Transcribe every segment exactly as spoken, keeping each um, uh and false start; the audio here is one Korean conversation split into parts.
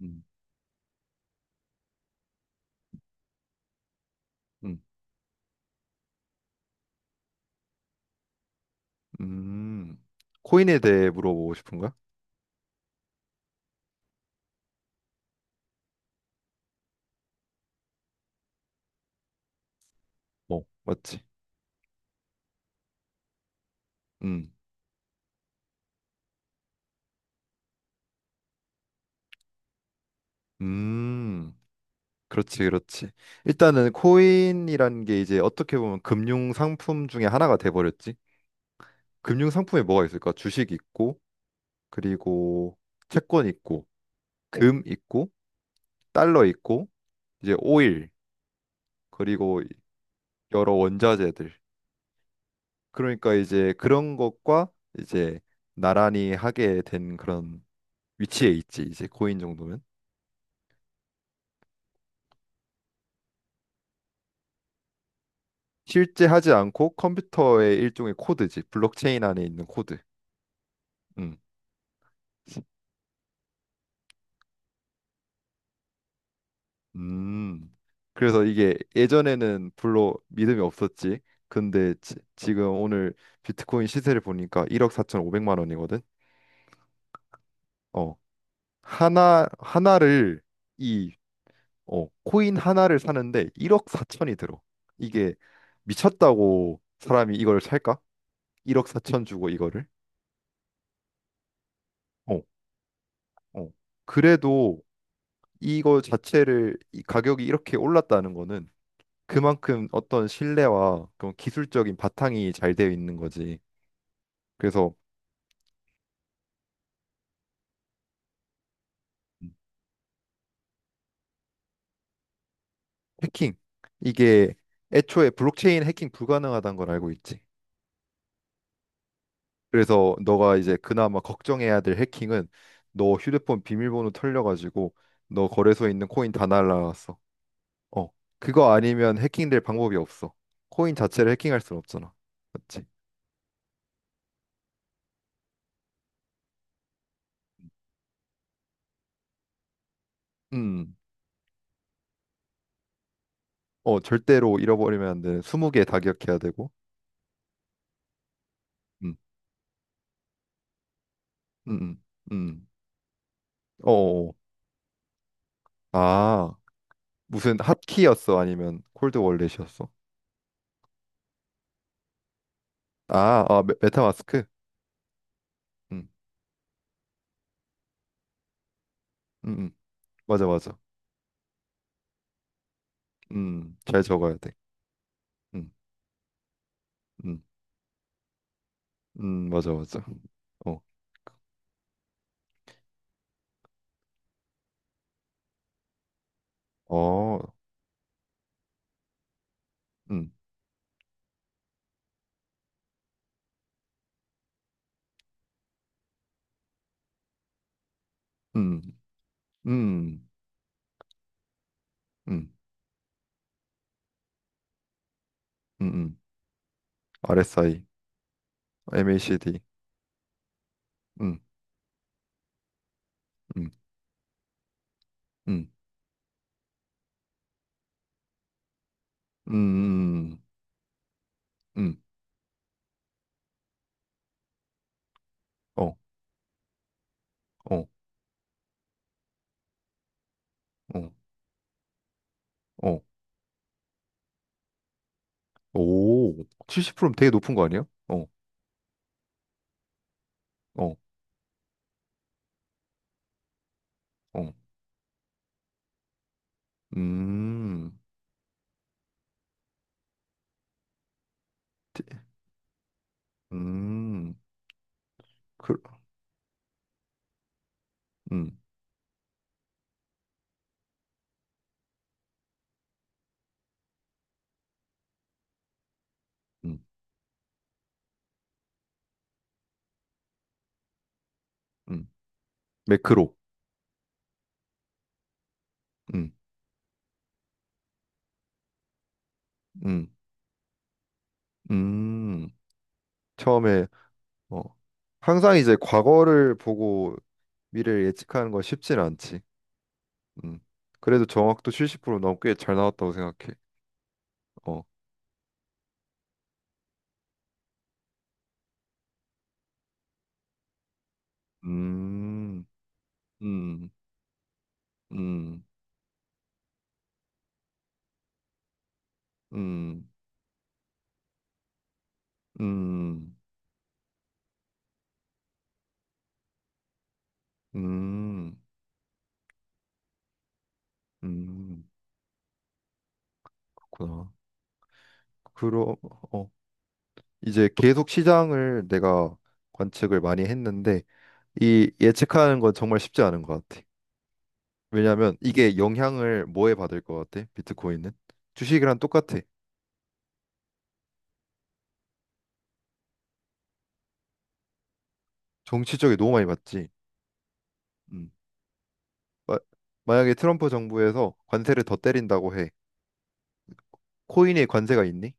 음, 음, 음. 코인에 대해 물어보고 싶은 거야? 어, 맞지? 음, 음, 그렇지, 그렇지. 일단은 코인이라는 게 이제 어떻게 보면 금융 상품 중에 하나가 돼버렸지. 금융 상품에 뭐가 있을까? 주식 있고, 그리고 채권 있고, 어, 금 있고, 달러 있고, 이제 오일, 그리고 여러 원자재들. 그러니까 이제 그런 것과 이제 나란히 하게 된 그런 위치에 있지, 이제 코인 정도면. 실제 하지 않고 컴퓨터의 일종의 코드지. 블록체인 안에 있는 코드. 음. 음. 그래서 이게 예전에는 별로 믿음이 없었지. 근데 지, 지금 오늘 비트코인 시세를 보니까 일억 사천 오백만 원이거든. 어. 하나 하나를 이 어, 코인 하나를 사는데 일억 사천이 들어. 이게 미쳤다고 사람이 이걸 살까? 일억 사천 주고 이거를? 어, 어. 그래도 이거 자체를 이 가격이 이렇게 올랐다는 거는 그만큼 어떤 신뢰와 그런 기술적인 바탕이 잘 되어 있는 거지. 그래서 해킹 이게 애초에 블록체인 해킹 불가능하다는 걸 알고 있지. 그래서 너가 이제 그나마 걱정해야 될 해킹은 너 휴대폰 비밀번호 털려가지고 너 거래소에 있는 코인 다 날라갔어. 어, 그거 아니면 해킹될 방법이 없어. 코인 자체를 해킹할 순 없잖아. 맞지? 음, 어 절대로 잃어버리면 안 되는 스무 개 다 기억해야 되고. 음, 음, 음. 음. 어어. 아, 무슨 핫키였어? 아니면 콜드 월렛이었어? 아, 아, 메, 메타마스크? 음, 음, 음. 맞아, 맞아. 음, 잘 적어야 돼. 음, 음, 음, 맞아, 맞아. 어, 어, 음, 음, 음, 음, 음, 음. 알에스아이, 엠에이씨디, 음, 음, 음, 음, 음, 음. 어, 어, 어, 어. 오, 칠십 퍼센트면 되게 높은 거 아니야? 어, 어, 어. 음. 음, 그, 음, 음, 음. 매크로. 음, 음, 음. 처음에, 어, 항상 이제 과거를 보고 미래를 예측하는 건 쉽진 않지. 음. 그래도 정확도 칠십 퍼센트 너무 꽤 잘 나왔다고 생각해. 어, 음, 음, 음, 음, 음, 음, 음. 그렇구나. 그럼, 어, 이제 계속 시장을 내가 관측을 많이 했는데 이 예측하는 건 정말 쉽지 않은 것 같아. 왜냐하면 이게 영향을 뭐에 받을 것 같아? 비트코인은 주식이랑 똑같아. 정치 적이 너무 많이 받지. 음. 마- 만약에 트럼프 정부에서 관세를 더 때린다고 해. 코인에 관세가 있니?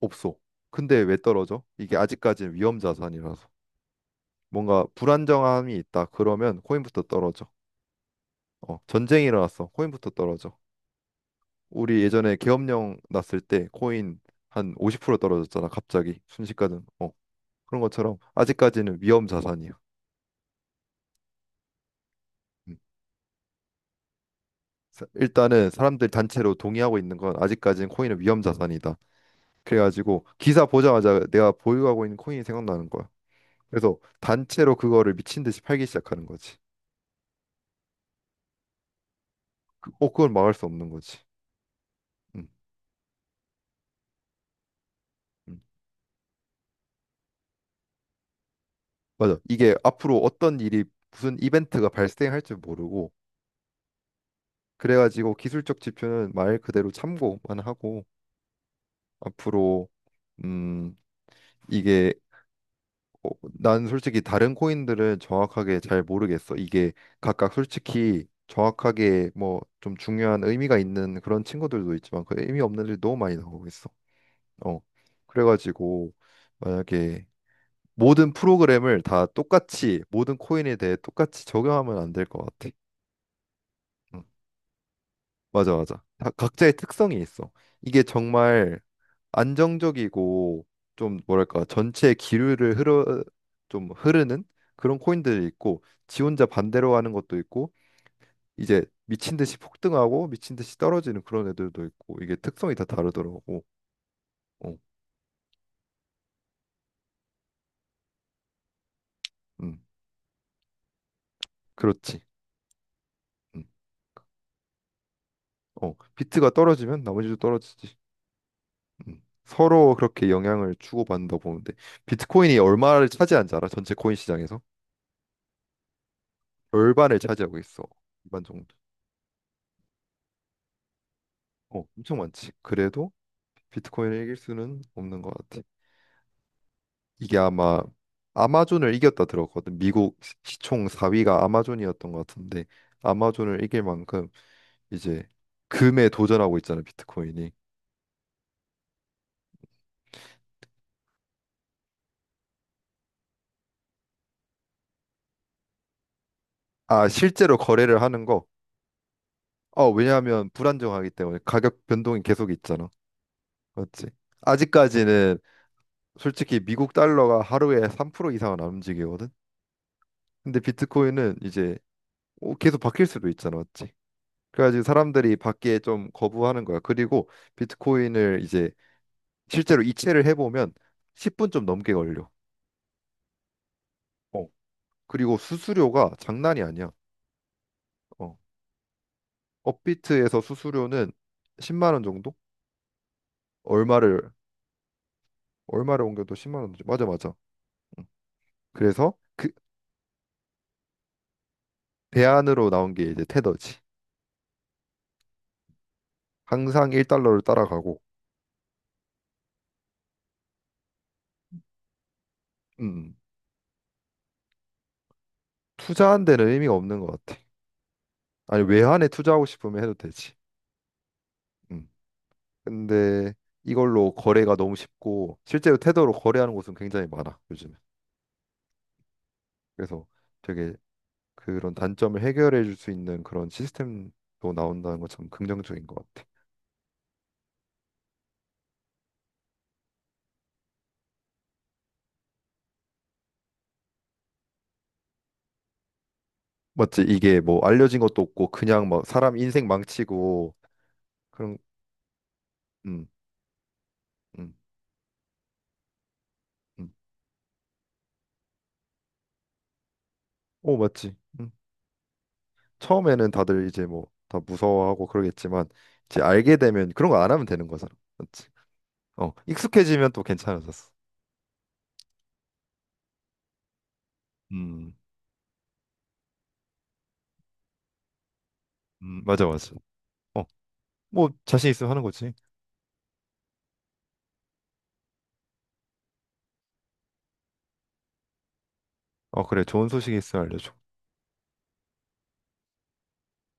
없어. 근데 왜 떨어져? 이게 아직까지는 위험 자산이라서 뭔가 불안정함이 있다. 그러면 코인부터 떨어져. 어, 전쟁이 일어났어. 코인부터 떨어져. 우리 예전에 계엄령 났을 때 코인 한 오십 프로 떨어졌잖아, 갑자기 순식간에. 어, 그런 것처럼 아직까지는 위험 자산이야. 음. 사- 일단은 사람들 단체로 동의하고 있는 건 아직까지는 코인은 위험 자산이다. 그래가지고 기사 보자마자 내가 보유하고 있는 코인이 생각나는 거야. 그래서 단체로 그거를 미친 듯이 팔기 시작하는 거지. 그- 어, 그걸 막을 수 없는 거지. 음, 음. 맞아. 이게 앞으로 어떤 일이 무슨 이벤트가 발생할지 모르고 그래가지고 기술적 지표는 말 그대로 참고만 하고 앞으로 음 이게 어, 난 솔직히 다른 코인들은 정확하게 잘 모르겠어. 이게 각각 솔직히 정확하게 뭐 좀 중요한 의미가 있는 그런 친구들도 있지만 그 의미 없는 일이 너무 많이 나오고 있어. 어. 그래가지고 만약에 모든 프로그램을 다 똑같이 모든 코인에 대해 똑같이 적용하면 안 될 것 같아. 응. 맞아 맞아. 다 각자의 특성이 있어. 이게 정말 안정적이고 좀 뭐랄까 전체 기류를 흐르 좀 흐르는 그런 코인들이 있고 지 혼자 반대로 하는 것도 있고 이제 미친 듯이 폭등하고 미친 듯이 떨어지는 그런 애들도 있고 이게 특성이 다 다르더라고. 어, 음, 그렇지. 음, 어, 비트가 떨어지면 나머지도 떨어지지. 음, 서로 그렇게 영향을 주고받는다 보는데 비트코인이 얼마를 차지하는지 알아? 전체 코인 시장에서 절반을 차지하고 있어. 일반 정도. 어, 엄청 많지. 그래도 비트코인을 이길 수는 없는 것 같아. 이게 아마 아마존을 이겼다 들었거든. 미국 시- 시총 사 위가 아마존이었던 것 같은데 아마존을 이길 만큼 이제 금에 도전하고 있잖아, 비트코인이. 아, 실제로 거래를 하는 거. 어, 왜냐하면 불안정하기 때문에 가격 변동이 계속 있잖아. 맞지? 아직까지는 솔직히 미국 달러가 하루에 삼 프로 이상은 안 움직이거든. 근데 비트코인은 이제 어, 계속 바뀔 수도 있잖아, 맞지? 그래가지고 사람들이 받기에 좀 거부하는 거야. 그리고 비트코인을 이제 실제로 이체를 해보면 십 분 좀 넘게 걸려. 어. 그리고 수수료가 장난이 아니야. 어. 업비트에서 수수료는 십만 원 정도? 얼마를 얼마를 옮겨도 십만 원. 맞아 맞아. 응. 그래서 그 대안으로 나온 게 이제 테더지. 항상 일 달러를 따라가고 음. 투자한 데는 의미가 없는 것 같아. 아니 외환에 투자하고 싶으면 해도 되지. 음. 근데 이걸로 거래가 너무 쉽고 실제로 테더로 거래하는 곳은 굉장히 많아 요즘에. 그래서 되게 그런 단점을 해결해 줄 수 있는 그런 시스템도 나온다는 건 참 긍정적인 것 같아. 맞지? 이게 뭐 알려진 것도 없고 그냥 막 사람 인생 망치고 그런 음, 음, 음. 오, 맞지? 음. 처음에는 다들 이제 뭐 다 무서워하고 그러겠지만 이제 알게 되면 그런 거 안 하면 되는 거잖아. 맞지? 어, 익숙해지면 또 괜찮아졌어. 음, 음, 맞아, 맞아. 뭐 자신 있으면 하는 거지. 어, 그래. 좋은 소식이 있으면 알려줘.